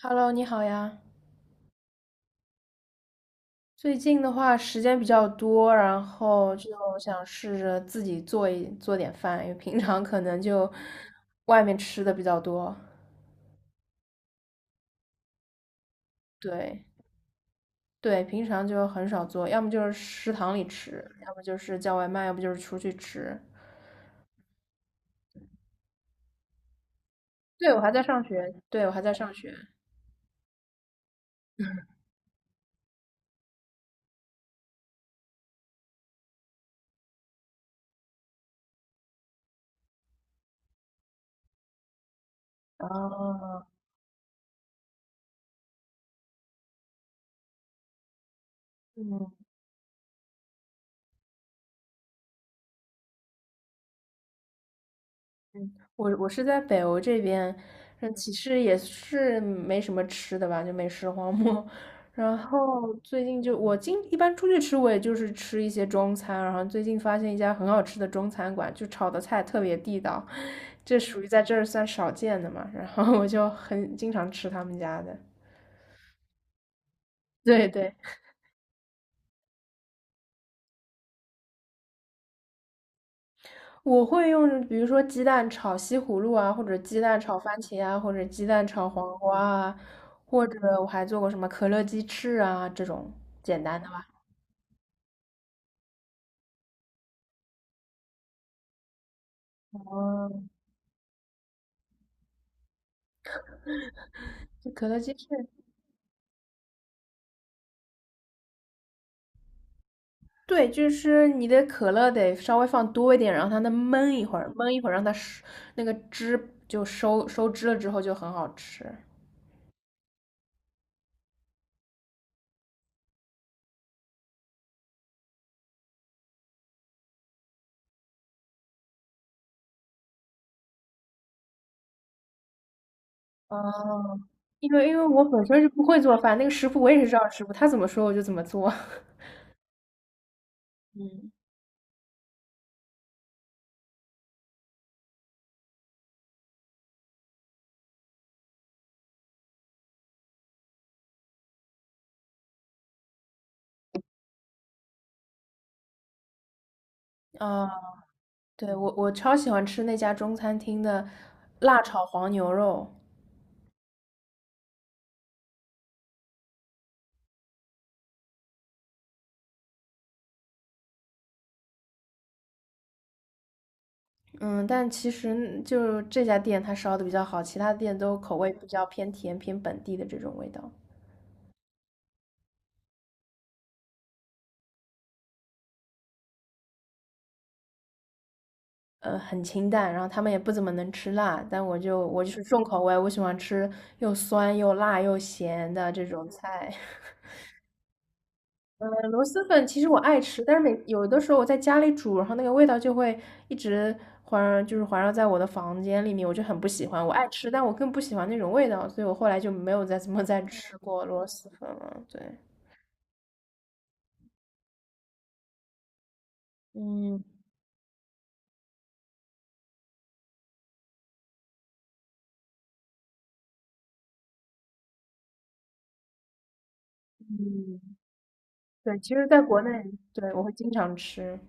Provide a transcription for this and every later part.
Hello，你好呀。最近的话时间比较多，然后就想试着自己做一做点饭，因为平常可能就外面吃的比较多。对对，平常就很少做，要么就是食堂里吃，要么就是叫外卖，要不就是出去吃。对，我还在上学，对，我还在上学。哦，嗯，我是在北欧这边，嗯，其实也是没什么吃的吧，就美食荒漠。然后最近就我经一般出去吃，我也就是吃一些中餐。然后最近发现一家很好吃的中餐馆，就炒的菜特别地道，这属于在这儿算少见的嘛。然后我就很经常吃他们家的。对对，我会用，比如说鸡蛋炒西葫芦啊，或者鸡蛋炒番茄啊，或者鸡蛋炒黄瓜啊，或者我还做过什么可乐鸡翅啊这种简单的吧。哦，就可乐鸡翅，对，就是你的可乐得稍微放多一点，然后它焖一会儿，焖一会儿让它收那个汁就收收汁了之后就很好吃。哦，因为我本身是不会做饭，那个师傅我也是照着师傅他怎么说我就怎么做。嗯，啊。对，我超喜欢吃那家中餐厅的辣炒黄牛肉，嗯，但其实就这家店它烧的比较好，其他店都口味比较偏甜、偏本地的这种味道，很清淡，然后他们也不怎么能吃辣，但我就是重口味，我喜欢吃又酸又辣又咸的这种菜。嗯，螺蛳粉其实我爱吃，但是每有的时候我在家里煮，然后那个味道就会一直环，就是环绕在我的房间里面，我就很不喜欢。我爱吃，但我更不喜欢那种味道，所以我后来就没有再怎么 再吃过螺蛳粉了。对，嗯嗯，对，其实在国内，对，我会经常吃。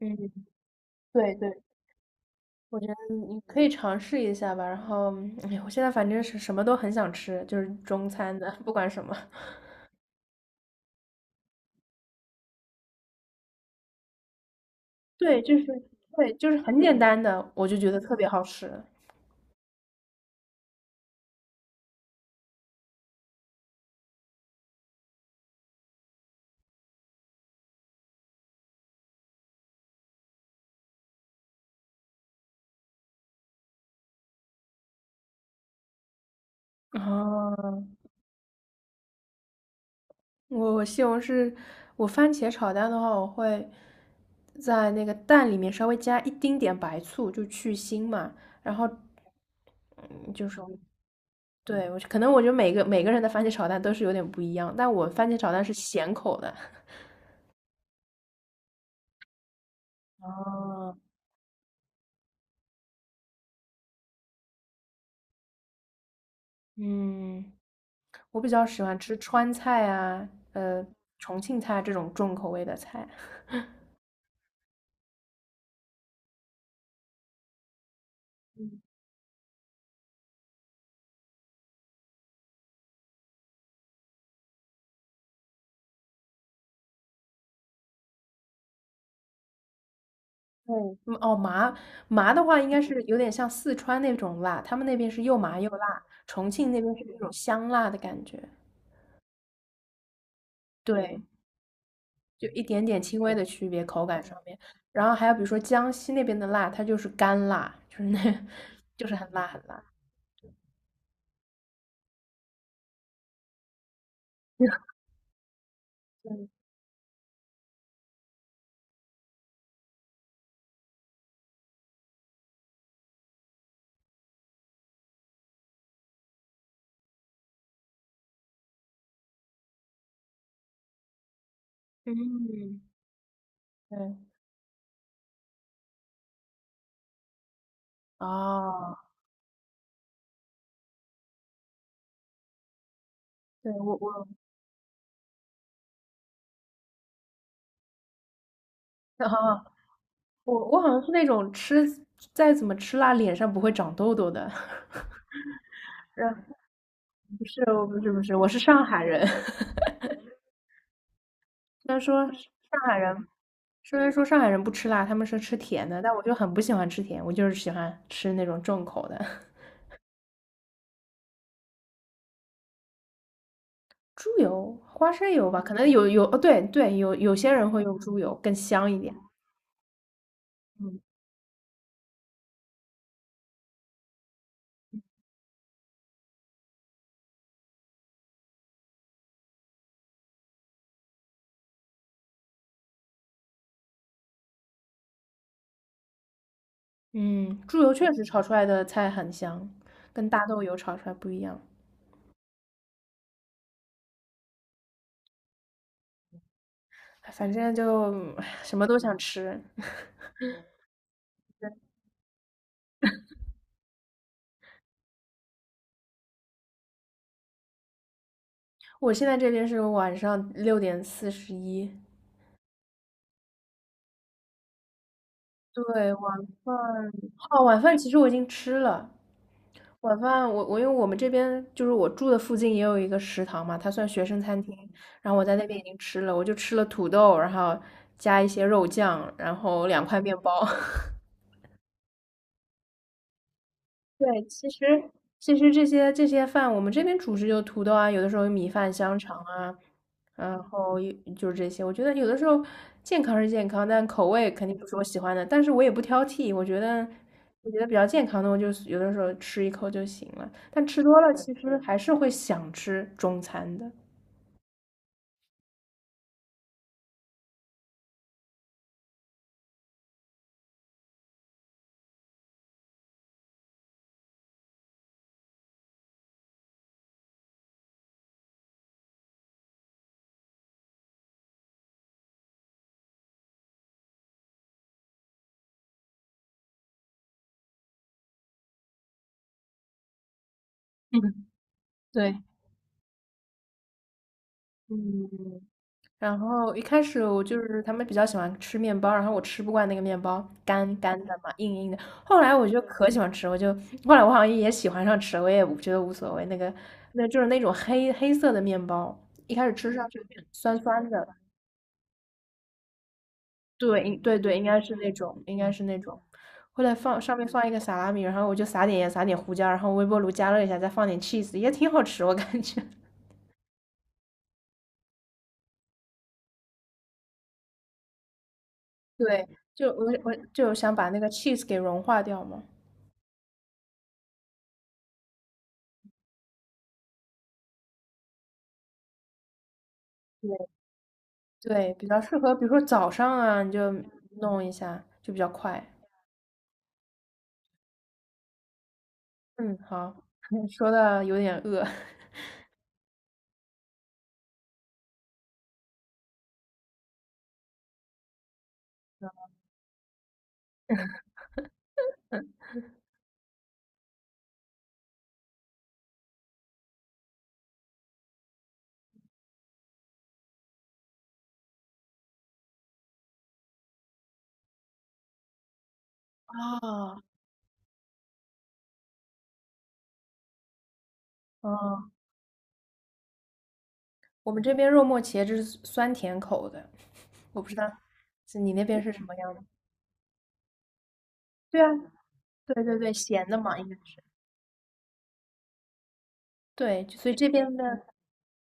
嗯，对对，我觉得你可以尝试一下吧。然后，哎，我现在反正是什么都很想吃，就是中餐的，不管什么。对，就是对，就是很简单的，我就觉得特别好吃。啊，我我西红柿，我番茄炒蛋的话，我会在那个蛋里面稍微加一丁点白醋，就去腥嘛。然后，嗯，就是对我可能我觉得每个人的番茄炒蛋都是有点不一样，但我番茄炒蛋是咸口的。哦，嗯，我比较喜欢吃川菜啊，呃，重庆菜这种重口味的菜。对，嗯哦，麻的话，应该是有点像四川那种辣，他们那边是又麻又辣，重庆那边是那种香辣的感觉。对，就一点点轻微的区别，口感上面。然后还有比如说江西那边的辣，它就是干辣，就是那，就是很辣很辣。对，嗯，对，哦，对我 啊，我好像是那种吃再怎么吃辣，脸上不会长痘痘的。不是，我不是，我是上海人。虽然说上海人，虽然说上海人不吃辣，他们是吃甜的，但我就很不喜欢吃甜，我就是喜欢吃那种重口的。猪油、花生油吧，可能有哦，对对，有些人会用猪油，更香一点。嗯嗯，猪油确实炒出来的菜很香，跟大豆油炒出来不一样。哎反正就唉什么都想吃。我现在这边是晚上6:41，对，晚饭哦，晚饭其实我已经吃了，晚饭我因为我们这边就是我住的附近也有一个食堂嘛，它算学生餐厅，然后我在那边已经吃了，我就吃了土豆，然后加一些肉酱，然后两块面包。对，其实这些饭，我们这边主食就土豆啊，有的时候有米饭、香肠啊，然后也就是这些。我觉得有的时候健康是健康，但口味肯定不是我喜欢的，但是我也不挑剔。我觉得比较健康的，我就有的时候吃一口就行了。但吃多了，其实还是会想吃中餐的。嗯，对。嗯，然后一开始我就是他们比较喜欢吃面包，然后我吃不惯那个面包，干干的嘛，硬硬的。后来我就可喜欢吃，后来我好像也喜欢上吃了，我也觉得无所谓。那就是那种黑黑色的面包，一开始吃上去有点酸酸的，对，应对对，应该是那种，应该是那种。后来放上面放一个萨拉米，然后我就撒点盐，撒点胡椒，然后微波炉加热一下，再放点 cheese，也挺好吃，我感觉。对，就我就想把那个 cheese 给融化掉嘛。对，比较适合，比如说早上啊，你就弄一下，就比较快。嗯，好，说的有点饿。啊。哦，我们这边肉末茄汁是酸甜口的，我不知道，是你那边是什么样的？对啊，对对对，咸的嘛，应该是。对，就所以这边的，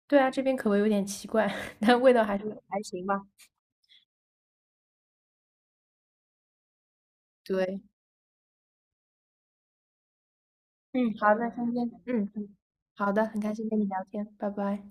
对啊，这边口味有点奇怪，但味道还是还行吧。对，嗯，好，那今天，嗯，好的，很开心跟你聊天，拜拜。